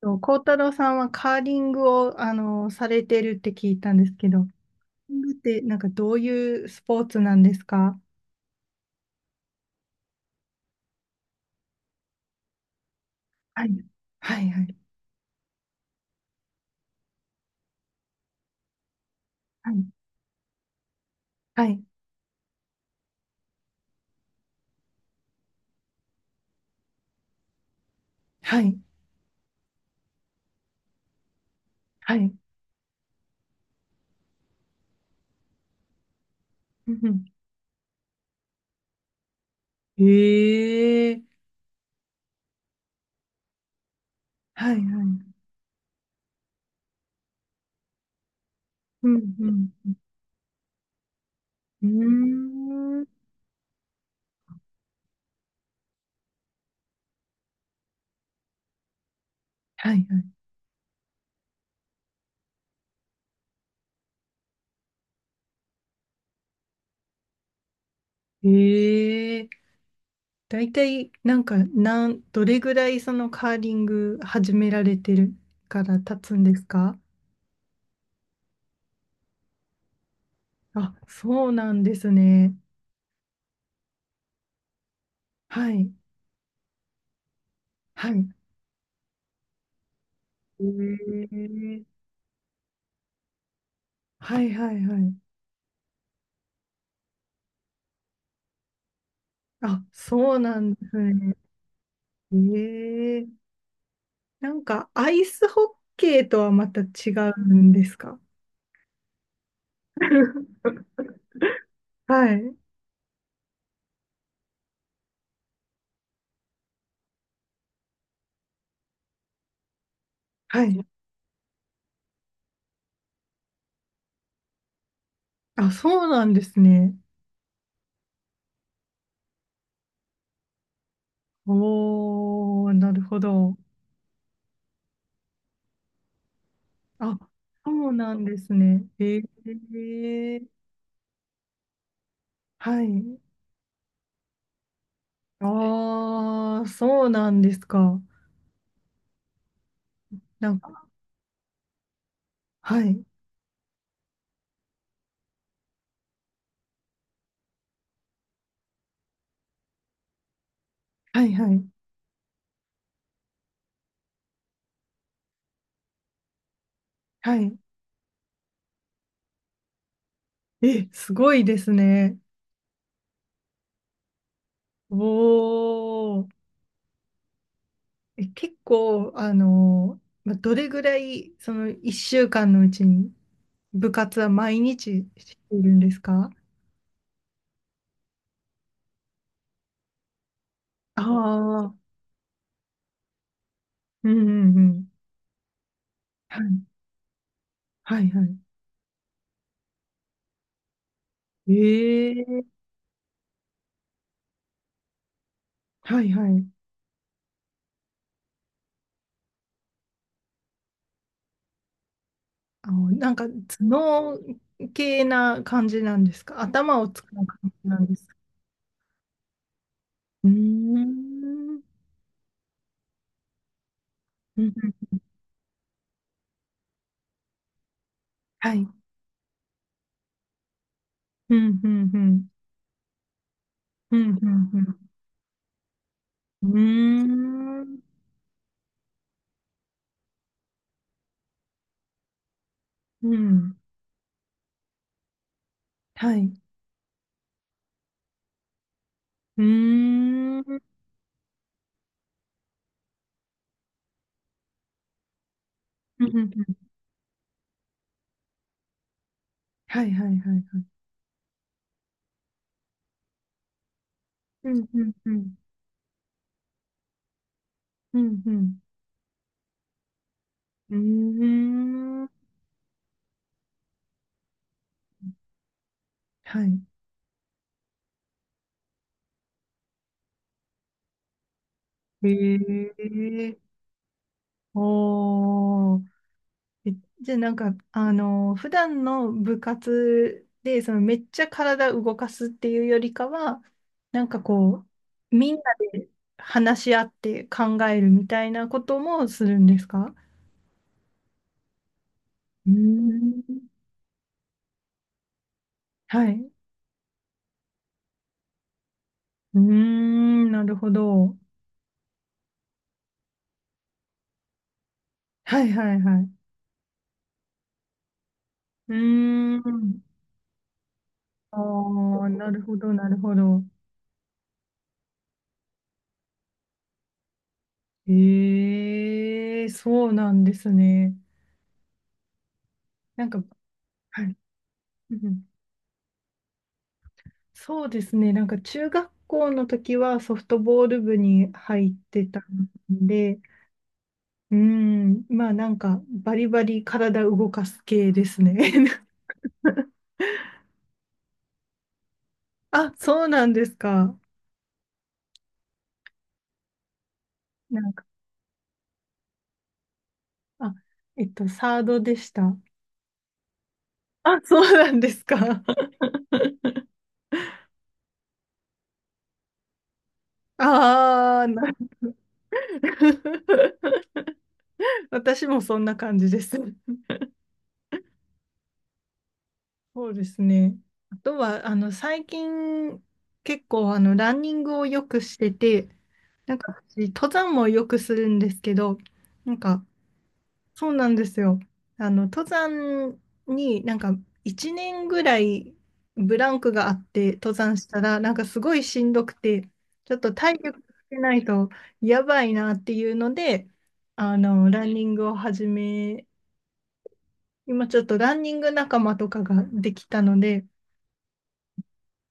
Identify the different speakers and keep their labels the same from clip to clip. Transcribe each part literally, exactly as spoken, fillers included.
Speaker 1: と、幸太郎さんはカーリングを、あの、されてるって聞いたんですけど、カーリングってなんかどういうスポーツなんですか？はい。はい、はい、はい、はい、はい、はい。うんうん。へえ、はい、はい。うん、うん、うん。うーん。はい、はい。へえ、大体なんか、なん、どれぐらいそのカーリング始められてるから経つんですか？あ、そうなんですね。はい。はい。ええ。はいはいはい。あ、そうなんですね。ええ。なんかアイスホッケーとはまた違うんですか？ はい。はい。あ、そうなんですね。おー、なるほど。あ、そうなんですね。ええ、はい。ああ、そうなんですか。なんか、はい。はいはい。はい。え、すごいですね。おー。え、結構、あの、まあ、どれぐらい、そのいっしゅうかんのうちに部活は毎日しているんですか？ああー、うんうんうん。はい、はい、はい。ええ、はいはい。あの、なんか頭脳系な感じなんですか？頭を使う感じなんですか？うーん。うんうん。はい。うんうんうん。うんうんうん。うーん。うん。はい。うーうんうんうん。はいはいはいはい。うんうんうん。うんうん。うーん。はい。へえ。おー。え、じゃあなんか、あの、普段の部活で、そのめっちゃ体動かすっていうよりかは、なんかこう、みんなで話し合って考えるみたいなこともするんですか？うーん。はい。うーん、なるほど。はいはいはい。うーん。ああ、なるほど、なるほど。ええ、そうなんですね。なんか、はい。うん。そうですね。なんか中学校の時はソフトボール部に入ってたんで、うん、まあなんかバリバリ体動かす系ですね。あ、そうなんですか。なんか、あ、えっと、サードでした。あ、そうなんですか。ああ、な。 私もそんな感じです。そうですね。あとは、あの、最近、結構、あの、ランニングをよくしてて、なんか、私登山もよくするんですけど、なんか、そうなんですよ。あの、登山に、なんか、いちねんぐらいブランクがあって、登山したら、なんか、すごいしんどくて、ちょっと体力つけないと、やばいなっていうので、あの、ランニングを始め、今、ちょっとランニング仲間とかができたので、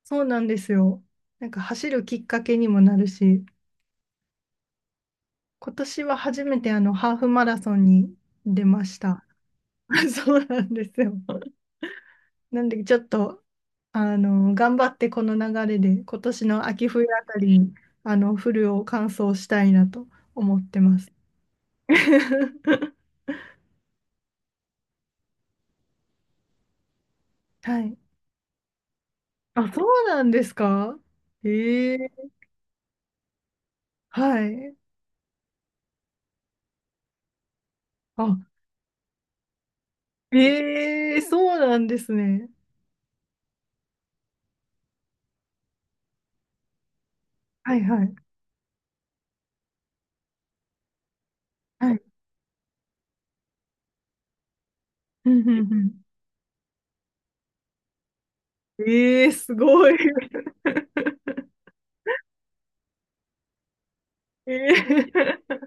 Speaker 1: そうなんですよ。なんか走るきっかけにもなるし、今年は初めてあのハーフマラソンに出ました。そうなんですよ。なんでちょっと、あの、頑張ってこの流れで今年の秋冬あたりに、あの、フルを完走したいなと思ってます。はい。あ、そうなんですか。ええ、はい。あ、ええ、そうなんですね。はいはい。はい。うんうんうん。ええ、すごい。ええ。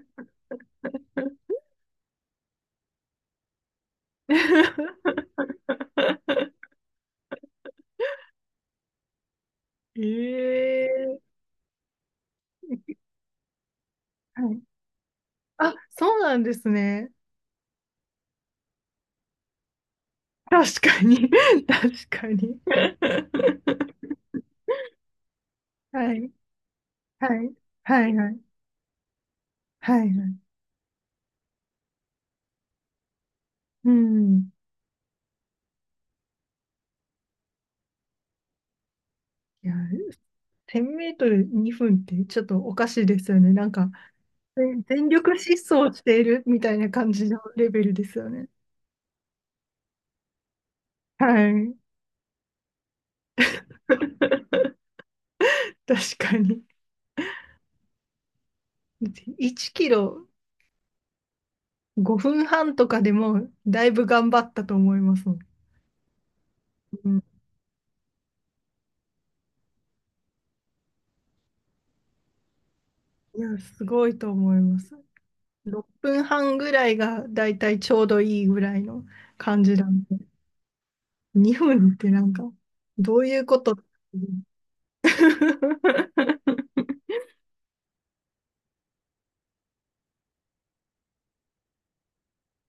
Speaker 1: ええ、はい。あ、そうなんですね。確かに。確かに。はい。はい。はい。はい。はい。はい。うん。いや、せんメートルにふんってちょっとおかしいですよね。なんか、ぜ全力疾走しているみたいな感じのレベルですよね。はい。確かに。いちキロごふんはんとかでもだいぶ頑張ったと思いますもん。うん、いや、すごいと思います。ろっぷんはんぐらいがだいたいちょうどいいぐらいの感じなんで、にふんってなんか、どういうこと？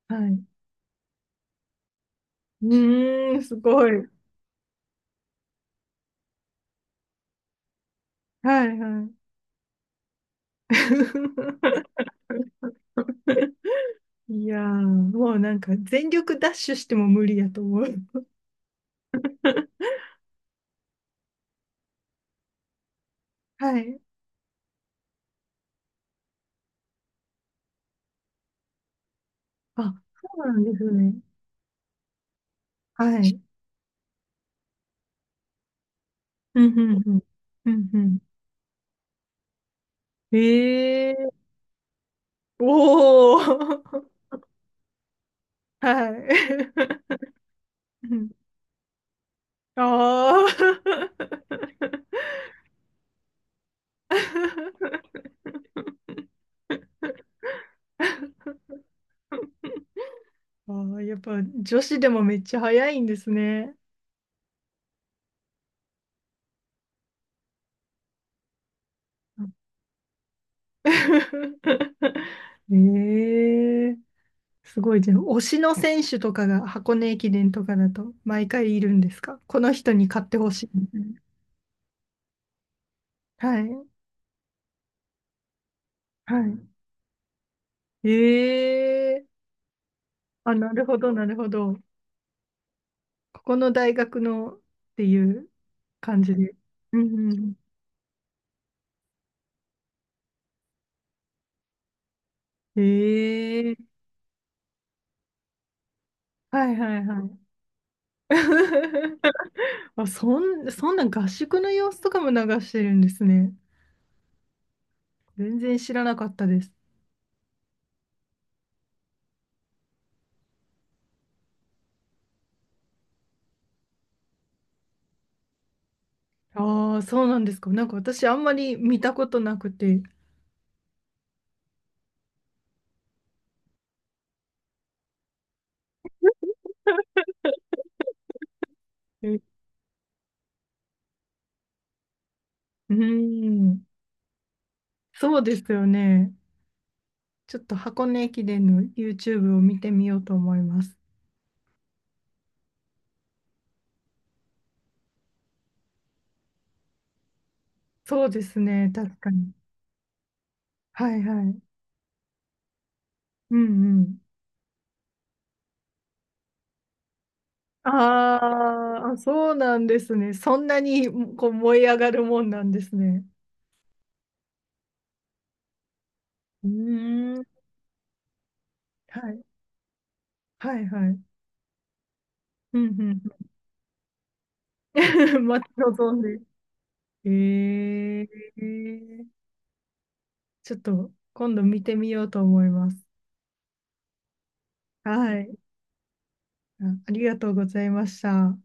Speaker 1: はい。うーん、すごい。はいはい。いやー、もうなんか全力ダッシュしても無理やと思う。はい。あ、そうなんですね。はい。うんうんうん。うんうん。ええ。おおー。 はい。うん。あー。 あー、やっぱ女子でもめっちゃ早いんですね。ええー、すごい。じゃあ、推しの選手とかが箱根駅伝とかだと毎回いるんですか？この人に買ってほしいみたいな。はい。はい。ええー。あ、なるほど、なるほど。ここの大学のっていう感じで。うんうん。ええ。はいはいはい。あ、そん、そんな合宿の様子とかも流してるんですね。全然知らなかったです。ああ、そうなんですか。なんか私あんまり見たことなくて。え。うん。そうですよね。ちょっと箱根駅伝の ユーチューブ を見てみようと思います。そうですね。確かに。はいはい。うんうん。あーあ、そうなんですね。そんなにこう燃え上がるもんなんですね。うーん。はい。はいはい。うんうんうん。待ち望んで。えー、ちょっと今度見てみようと思います。はい。あ、ありがとうございました。